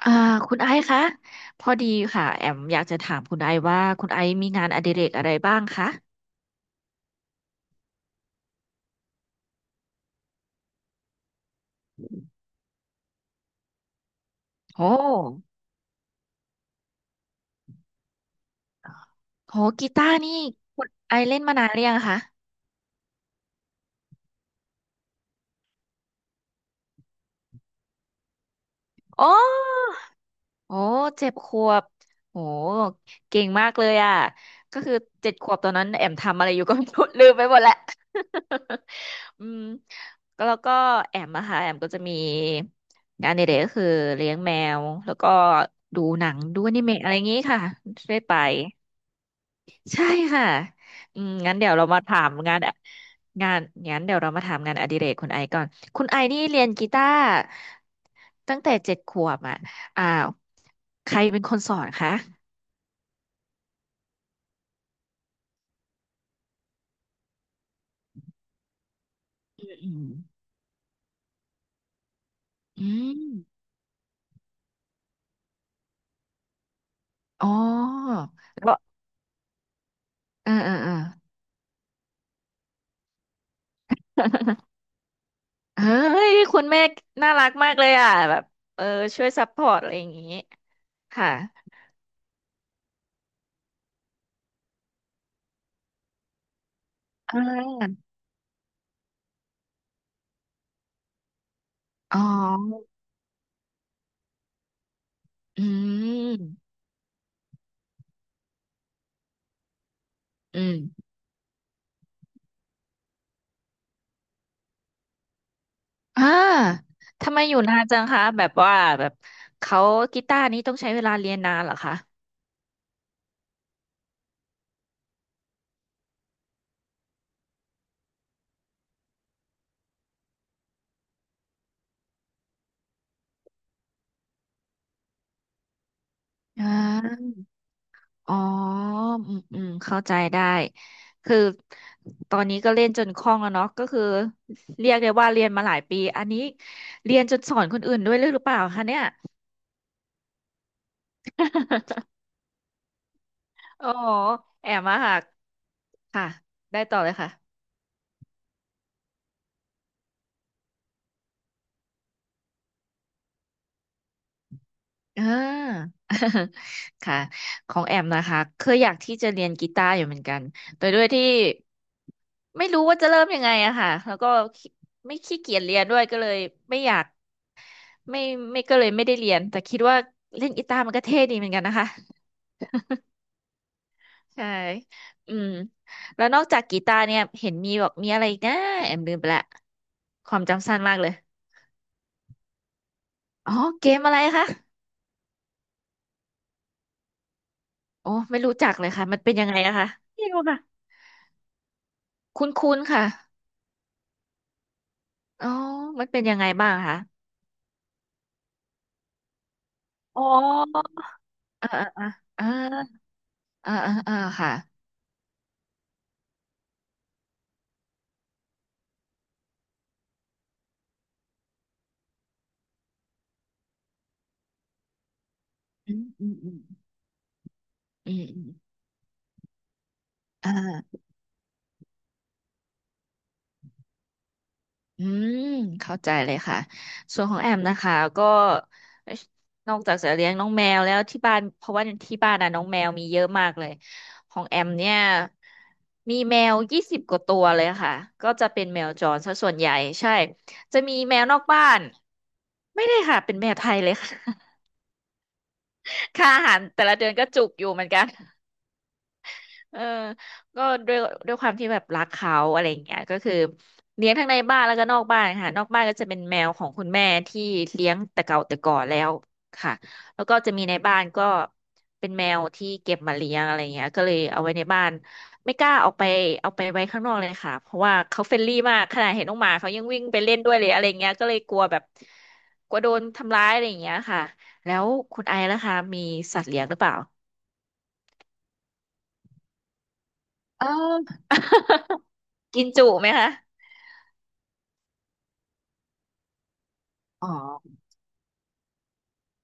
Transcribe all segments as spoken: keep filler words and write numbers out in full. อ่าคุณไอซ์คะพอดีค่ะแอมอยากจะถามคุณไอซ์ว่าคุณไอซ์มีงานอดิเรกอะไรบ้างคะโอ้โหกีตาร์นี่คุณไอซ์เล่นมานานหรือยังคะโอ้โอ้เจ็ดขวบโอ้เก่งมากเลยอ่ะก็คือเจ็ดขวบตอนนั้นแอมทำอะไรอยู่ก็ ไม่รู้ลืมไปหมดแล้ว อืมก็แล้วก็แอมนะคะแอมก็จะมีงานในเด็กก็คือเลี้ยงแมวแล้วก็ดูหนังดูอนิเมะอะไรอย่างงี้ค่ะเรื่อยไป ใช่ค่ะอืมงั้นเดี๋ยวเรามาถามงานงานงั้นเดี๋ยวเรามาถามงานอดิเรกคุณไอก่อนคุณไอนี่เรียนกีตาร์ตั้งแต่เจ็ดขวบอ่ะอ้าวใครเป็นคนสอนคะอืมอืมอืมอ๋อแล้วเออเออเออ เฮ้ย คุณแม่น่ารักมากเลยอ่ะแบบเออช่วยซัพพอร์ตอะไรอย่างงี้ค่ะอ่าอ๋ออืมอืม อ่าทำไมอยู่นานจังคะแบบว่าแบบเขากีตาร์นี้ต้องใช้เวลาเรียนนานเหรอคะอ่าอ๋ออืมอืมเข้าใจได้คือตอนนี้ก็เล่นจนคล่องแล้วเนาะก็คือเรียกได้ว่าเรียนมาหลายปีอันนี้เรียนจนสอนคนอื่นด้วยหรือเปล่าคะเนี่ย โอ้ โหแอบมาหักค่ะได้ต่อเลยค่ะ อ่า ค่ะของแอมนะคะเคยอยากที่จะเรียนกีตาร์อยู่เหมือนกันแต่ด้วยที่ไม่รู้ว่าจะเริ่มยังไงอะค่ะแล้วก็ขี้ไม่ขี้เกียจเรียนด้วยก็เลยไม่อยากไม่ไม่ก็เลยไม่ได้เรียนแต่คิดว่าเล่นกีตาร์มันก็เท่ดีเหมือนกันนะคะ ใช่อืมแล้วนอกจากกีตาร์เนี่ยเห็นมีบอกมีอะไรอีกนะแอมลืมไปละความจำสั้นมากเลยอ๋อเกมอะไรคะโอ้ไม่รู้จักเลยค่ะมันเป็นยังไงอะคะไม่รู้ค่ะคุ้นๆค่ะ อ๋อมันเป็นยังไงบ้างคะอ๋ออ่าอ่าอ่าอ่าอ่าอ่าค่ะอืมอืมอืมอืมอืมอ่าอืมเข้าใจเลยค่ะส่วนของแอมนะคะก็นอกจากจะเลี้ยงน้องแมวแล้วที่บ้านเพราะว่าที่บ้านน่ะน้องแมวมีเยอะมากเลยของแอมเนี่ยมีแมวยี่สิบกว่าตัวเลยค่ะก็จะเป็นแมวจรซะส่วนใหญ่ใช่จะมีแมวนอกบ้านไม่ได้ค่ะเป็นแมวไทยเลยค่ะ ค่าอาหารแต่ละเดือนก็จุกอยู่เหมือนกัน เออก็ด้วยด้วยความที่แบบรักเขาอะไรอย่างเงี้ยก็คือเลี้ยงทั้งในบ้านแล้วก็นอกบ้านค่ะนอกบ้านก็จะเป็นแมวของคุณแม่ที่เลี้ยงแต่เก่าแต่ก่อนแล้วค่ะแล้วก็จะมีในบ้านก็เป็นแมวที่เก็บมาเลี้ยงอะไรเงี้ยก็เลยเอาไว้ในบ้านไม่กล้าเอาไปเอาไปไว้ข้างนอกเลยค่ะเพราะว่าเขาเฟรนลี่มากขนาดเห็นน้องหมาเขายังวิ่งไปเล่นด้วยเลยอะไรเงี้ยก็เลยกลัวแบบกลัวโดนทำร้ายอะไรอย่างเงี้ยค่ะแล้วคุณไอซ์ล่ะคะมีสัตว์เลี้ยงหรือเปล่า เออ กินจุไหมคะ อ๋อ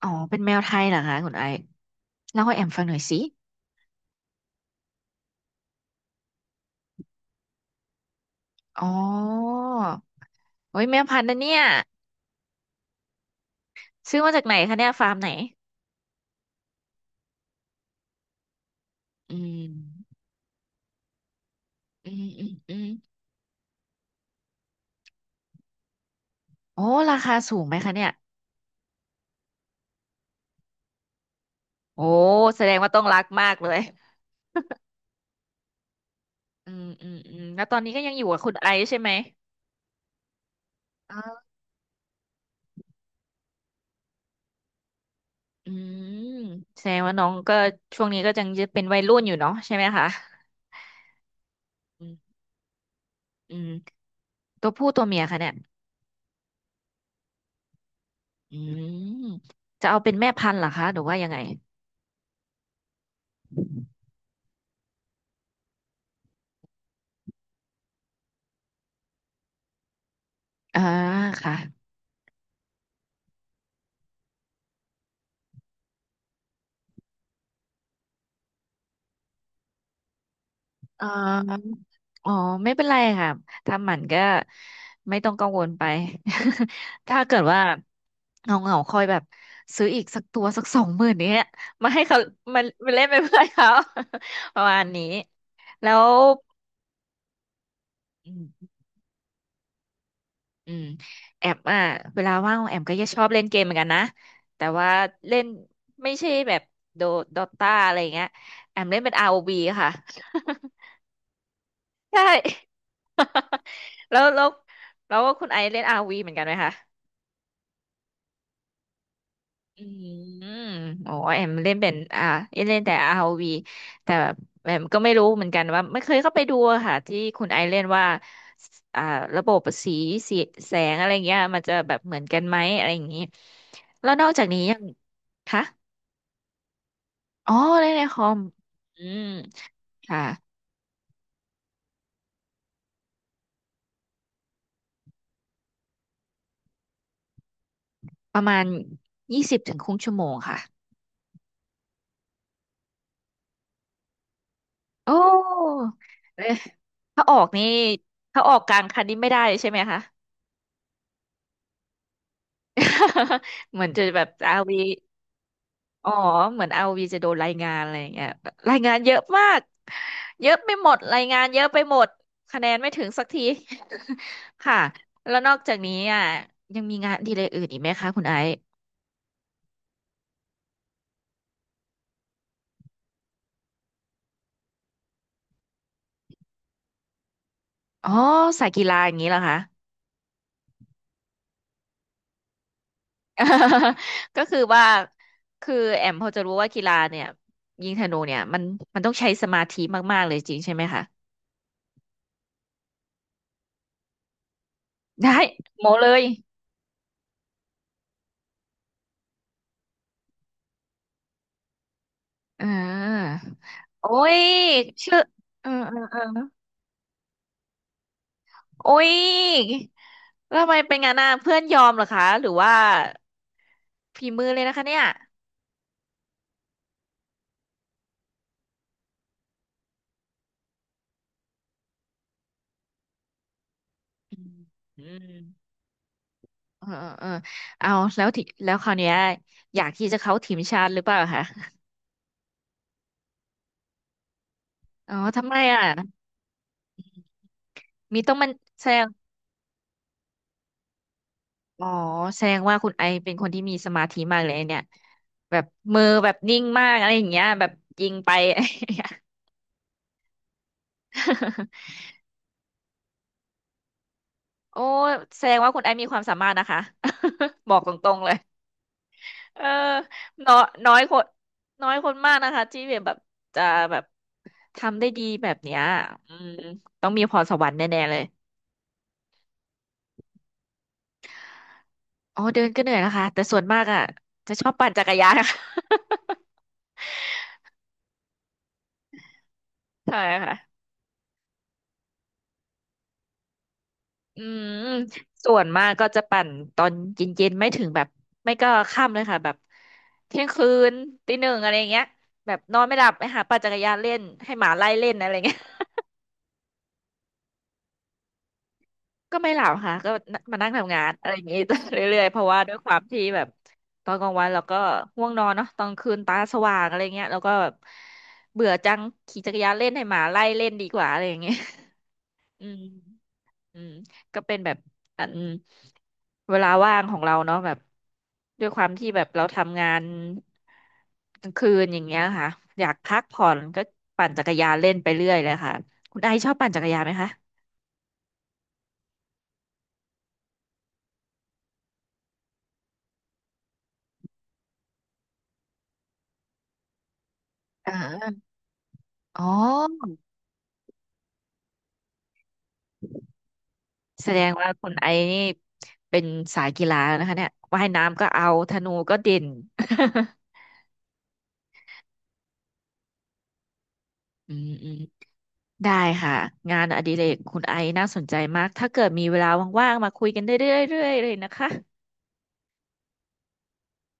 อ๋อเป็นแมวไทยเหรอคะคุณไอซ์เล่าให้แอมฟังหน่อยสิ อ๋อโอ้ยแมวพันธุ์นะเนี่ยซื้อมาจากไหนคะเนี่ยฟาร์มไหนอืมอืมอืมอืมโอ้ราคาสูงไหมคะเนี่ยโอ้แสดงว่าต้องรักมากเลยอืมอืมอืม แล้วตอนนี้ก็ยังอยู่กับคุณไอซ์ใช่ไหมอ๋ออืมแสดงว่าน้องก็ช่วงนี้ก็ยังจะเป็นวัยรุ่นอยู่เนาะใช่ไหมคะอืมอืมตัวผู้ตัวเมียคะเนี่ย อืมจะเอาเป็นแม่พันธุ์เหรอคะหรือว่ายังไงอ่าค่ะอ่าอ๋อไม่เป็นไรค่ะทำหมันก็ไม่ต้องกังวลไป ถ้าเกิดว่าเงาเงาคอยแบบซื้ออีกสักตัวสักสองหมื่นเนี้ยมาให้เขามามาเล่นเป็นเพื่อนเขา ประมาณนี้แล้ว อืมแอมอ่ะเวลาว่างของแอมก็จะชอบเล่นเกมเหมือนกันนะแต่ว่าเล่นไม่ใช่แบบโดดอตาอะไรอย่างเงี้ยแอมเล่นเป็น อาร์ โอ วี ค่ะ ใช่ แล้วแล้วแล้วคุณไอซ์เล่น อาร์ โอ วี เหมือนกันไหมคะ อืมโอ้แอมเล่นเป็นอ่าเล่นแต่ r ว v แต่แอมก็ไม่รู้เหมือนกันว่าไม่เคยเข้าไปดูอะค่ะที่คุณไอเล่นว่าอ่าระบบสีสีแสงอะไรเงี้ยมันจะแบบเหมือนกันไหมอะไรอย่างนี้แล้วนอกจากนี้ยังคะอ๋อเล่นในคอมอืมค่ะประมาณยี่สิบถึงครึ่งชั่วโมงค่ะโอ้เอ๊ะถ้าออกนี่ถ้าออกกลางคันนี้ไม่ได้ใช่ไหมคะ เหมือนจะแบบอาร์โอวี อ๋อเหมือนเอาวีจะโดนรายงานอะไรอย่างเงี้ยแบบรายงานเยอะมากเยอะไปหมดรายงานเยอะไปหมดคะแนนไม่ถึงสักที ค่ะแล้วนอกจากนี้อ่ะยังมีงานอดีเลยอื่นอีกไหมคะคุณไอซ์อ๋อสายกีฬาอย่างนี้เหรอคะ ก็คือว่าคือแอมพอจะรู้ว่ากีฬาเนี่ยยิงธนูเนี่ยมันมันต้องใช้สมาธิมากๆเลยจริงใช่ไหมคะได้โมเลยอ่าโอ้ยชื่อเออเออเออ โอ้ยแล้วทำไมเป็นงั้นน่ะเพื่อนยอมเหรอคะหรือว่าฝีมือเลยนะคะเนี่ยอืมอืมเออเออเออเอาแล้วทีแล้วคราวเนี้ยอยากที่จะเข้าทีมชาติหรือเปล่าคะอ๋อทำไมอ่ะมีต้องมันแสดงอ๋อแสดงว่าคุณไอเป็นคนที่มีสมาธิมากเลยเนี่ยแบบมือแบบนิ่งมากอะไรอย่างเงี้ยแบบยิงไป อะไรอย่างเงี้ยโอ้แสดงว่าคุณไอมีความสามารถนะคะ บอกตรงๆเลย เออน้อยน้อยคนน้อยคนมากนะคะที่แบบจะแบบทำได้ดีแบบเนี้ยอืมต้องมีพรสวรรค์แน่ๆเลยอ๋อเดินก็เหนื่อยนะคะแต่ส่วนมากอ่ะจะชอบปั่นจักรยาน นะค่ะ ใช่ค่ะอืมส่วนมากก็จะปั่นตอนเย็นๆไม่ถึงแบบไม่ก็ค่ำเลยค่ะแบบเที่ยงคืนตีหนึ่งอะไรอย่างเงี้ยแบบนอนไม่หลับไปหาปั่นจักรยานเล่นให้หมาไล่เล่นอะไรเงี้ย ก็ไม่หลับค่ะก็มานั่งทำงานอะไรอย่างนี้ เรื่อยๆเพราะว่าด้วยความที่แบบตอนกลางวันเราก็ง่วงนอนเนาะตอนคืนตาสว่างอะไรเงี้ยแล้วก็แบบเบื่อจังขี่จักรยานเล่นให้หมาไล่เล่นดีกว่าอะไรอย่างเงี้ย อืมอืมก็เป็นแบบอันเวลาว่างของเราเนาะแบบด้วยความที่แบบเราทำงานกลางคืนอย่างเงี้ยค่ะอยากพักผ่อนก็ปั่นจักรยานเล่นไปเรื่อยเลยค่ะคุณไอซ์ชอบปั่นจักรยานไหมคะอ่าอ๋อ แสดงว่าคุณไอนี่เป็นสายกีฬานะคะเนี่ยว่ายน้ำก็เอาธนูก็เด่น อืมอืมได้ค่ะงานอดิเรกคุณไอน่าสนใจมากถ้าเกิดมีเวลาว่างๆมาคุยกันได้เรื่อยๆเลยนะคะ